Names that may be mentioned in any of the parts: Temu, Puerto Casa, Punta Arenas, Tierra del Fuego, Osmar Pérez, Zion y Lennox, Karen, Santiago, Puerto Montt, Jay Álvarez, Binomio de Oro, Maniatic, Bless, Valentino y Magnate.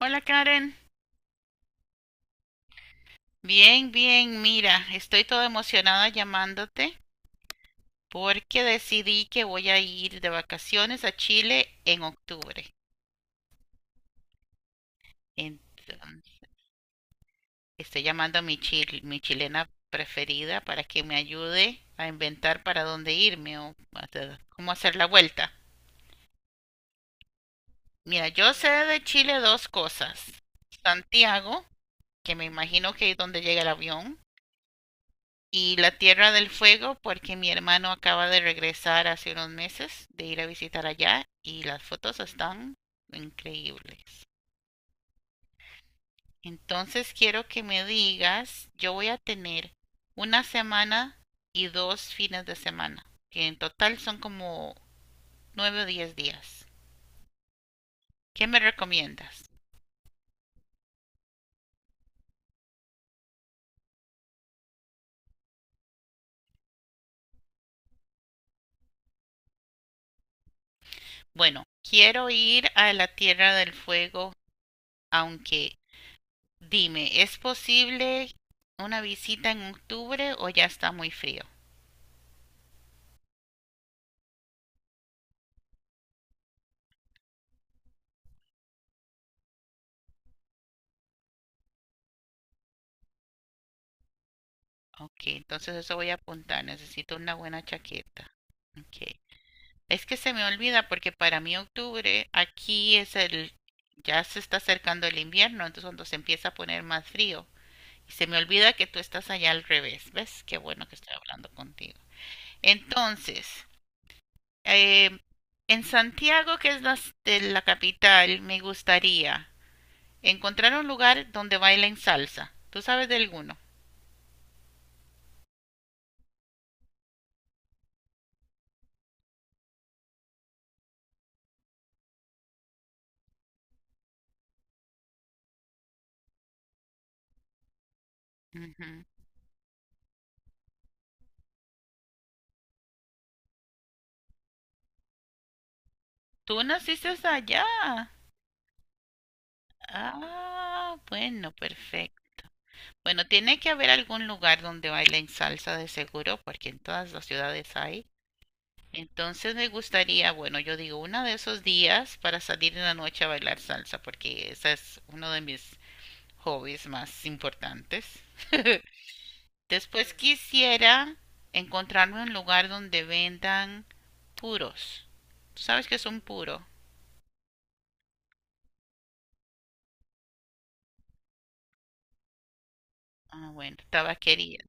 Hola Karen, bien, bien, mira, estoy toda emocionada llamándote porque decidí que voy a ir de vacaciones a Chile en octubre. Entonces, estoy llamando a mi chilena preferida para que me ayude a inventar para dónde irme o hasta cómo hacer la vuelta. Mira, yo sé de Chile dos cosas. Santiago, que me imagino que es donde llega el avión, y la Tierra del Fuego porque mi hermano acaba de regresar hace unos meses de ir a visitar allá y las fotos están increíbles. Entonces quiero que me digas, yo voy a tener una semana y 2 fines de semana, que en total son como 9 o 10 días. ¿Qué me recomiendas? Bueno, quiero ir a la Tierra del Fuego, aunque dime, ¿es posible una visita en octubre o ya está muy frío? Ok, entonces eso voy a apuntar. Necesito una buena chaqueta. Ok. Es que se me olvida porque para mí octubre aquí es el, ya se está acercando el invierno, entonces cuando se empieza a poner más frío. Y se me olvida que tú estás allá al revés. ¿Ves? Qué bueno que estoy hablando contigo. Entonces, eh, en Santiago, que es de la capital, me gustaría encontrar un lugar donde bailen salsa. ¿Tú sabes de alguno? Ujú. Tú naciste allá. Ah, bueno, perfecto. Bueno, tiene que haber algún lugar donde bailen salsa de seguro, porque en todas las ciudades hay. Entonces me gustaría, bueno, yo digo, uno de esos días para salir en la noche a bailar salsa, porque ese es uno de mis hobbies más importantes. Después quisiera encontrarme un lugar donde vendan puros. ¿Tú sabes qué es un puro? Ah, bueno, tabaquería.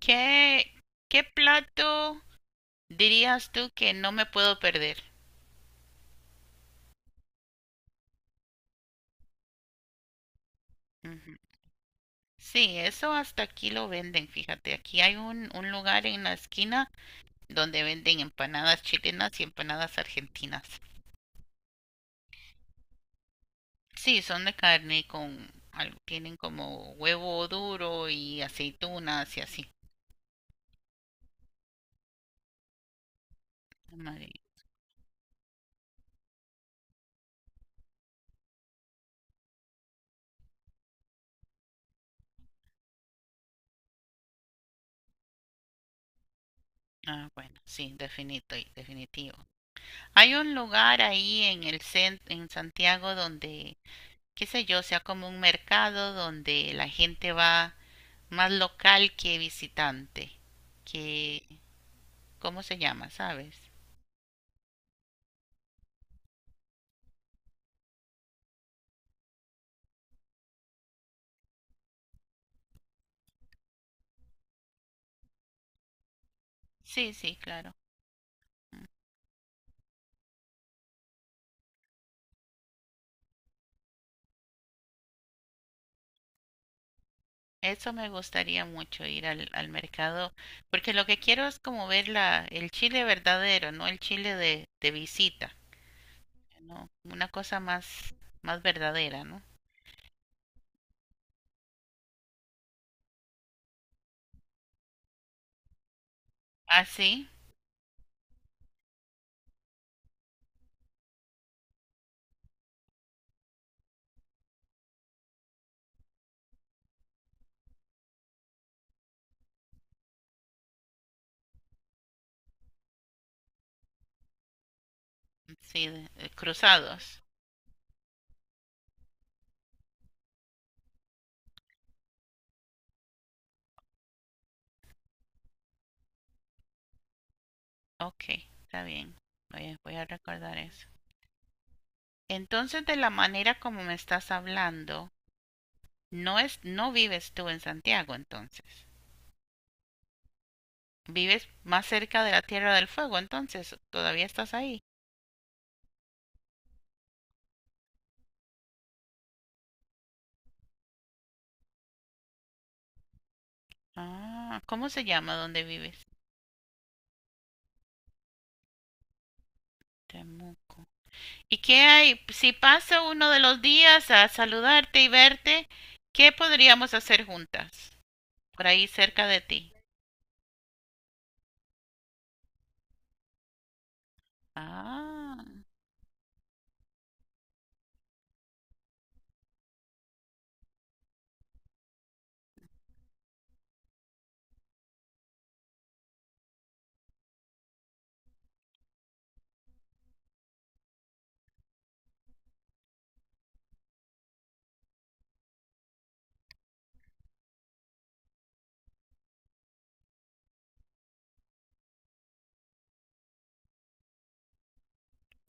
¿Qué, qué plato? Dirías tú que no me puedo perder. Ujú. Sí, eso hasta aquí lo venden, fíjate. Aquí hay un lugar en la esquina donde venden empanadas chilenas y empanadas argentinas. Sí, son de carne y tienen como huevo duro y aceitunas y así. Madre- Ah, bueno, sí, definito y definitivo. Hay un lugar ahí en el centro en Santiago donde, qué sé yo, sea como un mercado donde la gente va más local que visitante, que ¿cómo se llama? ¿Sabes? Sí, sí, claro. Eso me gustaría mucho ir al, al mercado, porque lo que quiero es como ver la, el chile verdadero, no el chile de visita, ¿no? Una cosa más, más verdadera, ¿no? Ah, sí, sí, de cruzados. Ok, está bien. Voy a recordar eso. Entonces, de la manera como me estás hablando, no vives tú en Santiago, entonces. Vives más cerca de la Tierra del Fuego, entonces todavía estás ahí. Ah, ¿cómo se llama donde vives? Temu. ¿Y qué hay? Si pasa uno de los días a saludarte y verte, ¿qué podríamos hacer juntas? Por ahí cerca de ti. Ah,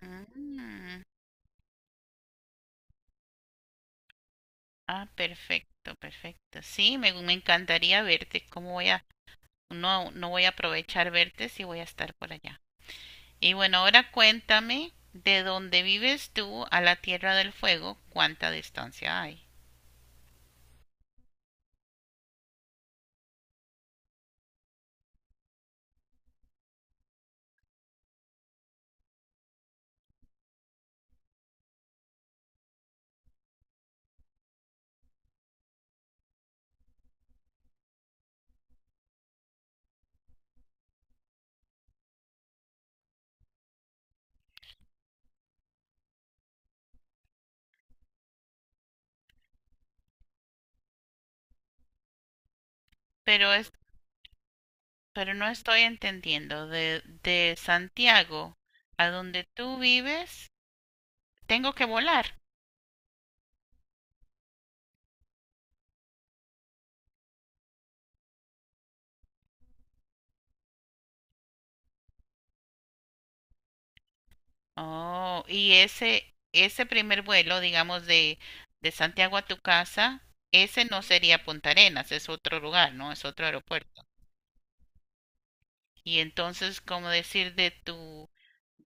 mm. Ah, perfecto, perfecto. Sí, me encantaría verte. ¿Cómo voy a, no, no voy a aprovechar verte si voy a estar por allá? Y bueno, ahora cuéntame de donde vives tú a la Tierra del Fuego, cuánta distancia hay. Pero es, pero no estoy entendiendo de Santiago a donde tú vives, tengo que volar. Oh, y ese primer vuelo, digamos de Santiago a tu casa, ese no sería Punta Arenas, es otro lugar, ¿no? Es otro aeropuerto. Y entonces, como decir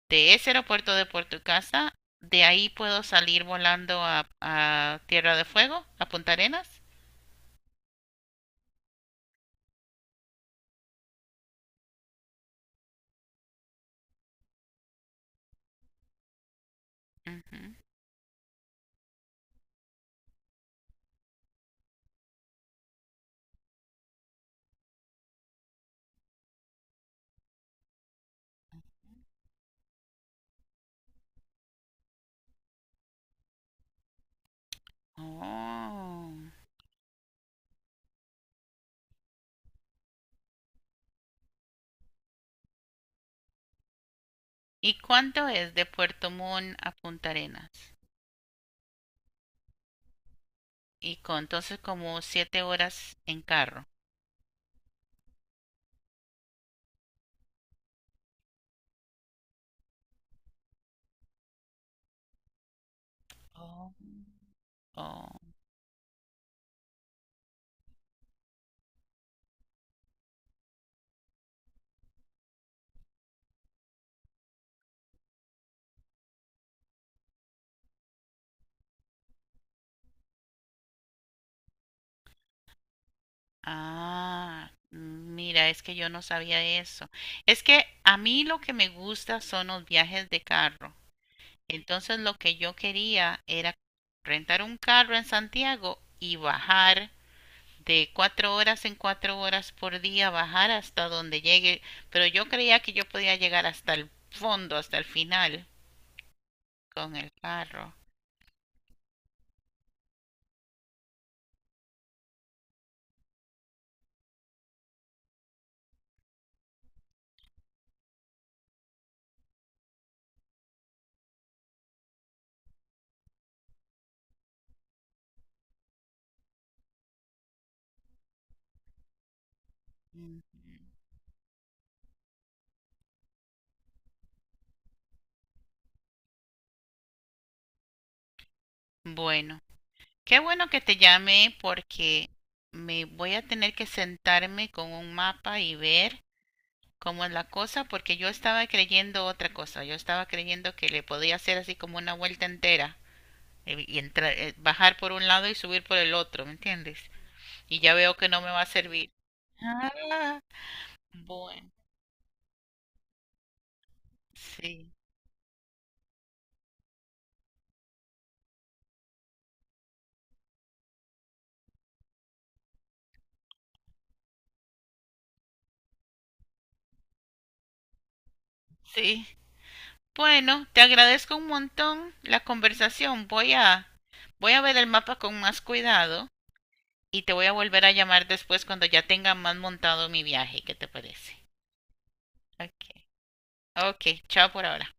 de ese aeropuerto de Puerto Casa, de ahí puedo salir volando a Tierra de Fuego, a Punta Arenas. Ujú. Oh. ¿Y cuánto es de Puerto Montt a Punta Arenas? Y con, entonces como 7 horas en carro. Oh. Oh. Ah, mira, es que yo no sabía eso. Es que a mí lo que me gusta son los viajes de carro. Entonces lo que yo quería era rentar un carro en Santiago y bajar de 4 horas en 4 horas por día, bajar hasta donde llegue. Pero yo creía que yo podía llegar hasta el fondo, hasta el final con el carro. Mm. Bueno, qué bueno que te llamé porque me voy a tener que sentarme con un mapa y ver cómo es la cosa porque yo estaba creyendo otra cosa. Yo estaba creyendo que le podía hacer así como una vuelta entera bajar por un lado y subir por el otro, ¿me entiendes? Y ya veo que no me va a servir. Ah, bueno, sí, sí. Bueno, te agradezco un montón la conversación. Voy a ver el mapa con más cuidado y te voy a volver a llamar después cuando ya tenga más montado mi viaje. ¿Qué te parece? Ok, ok, chao por ahora.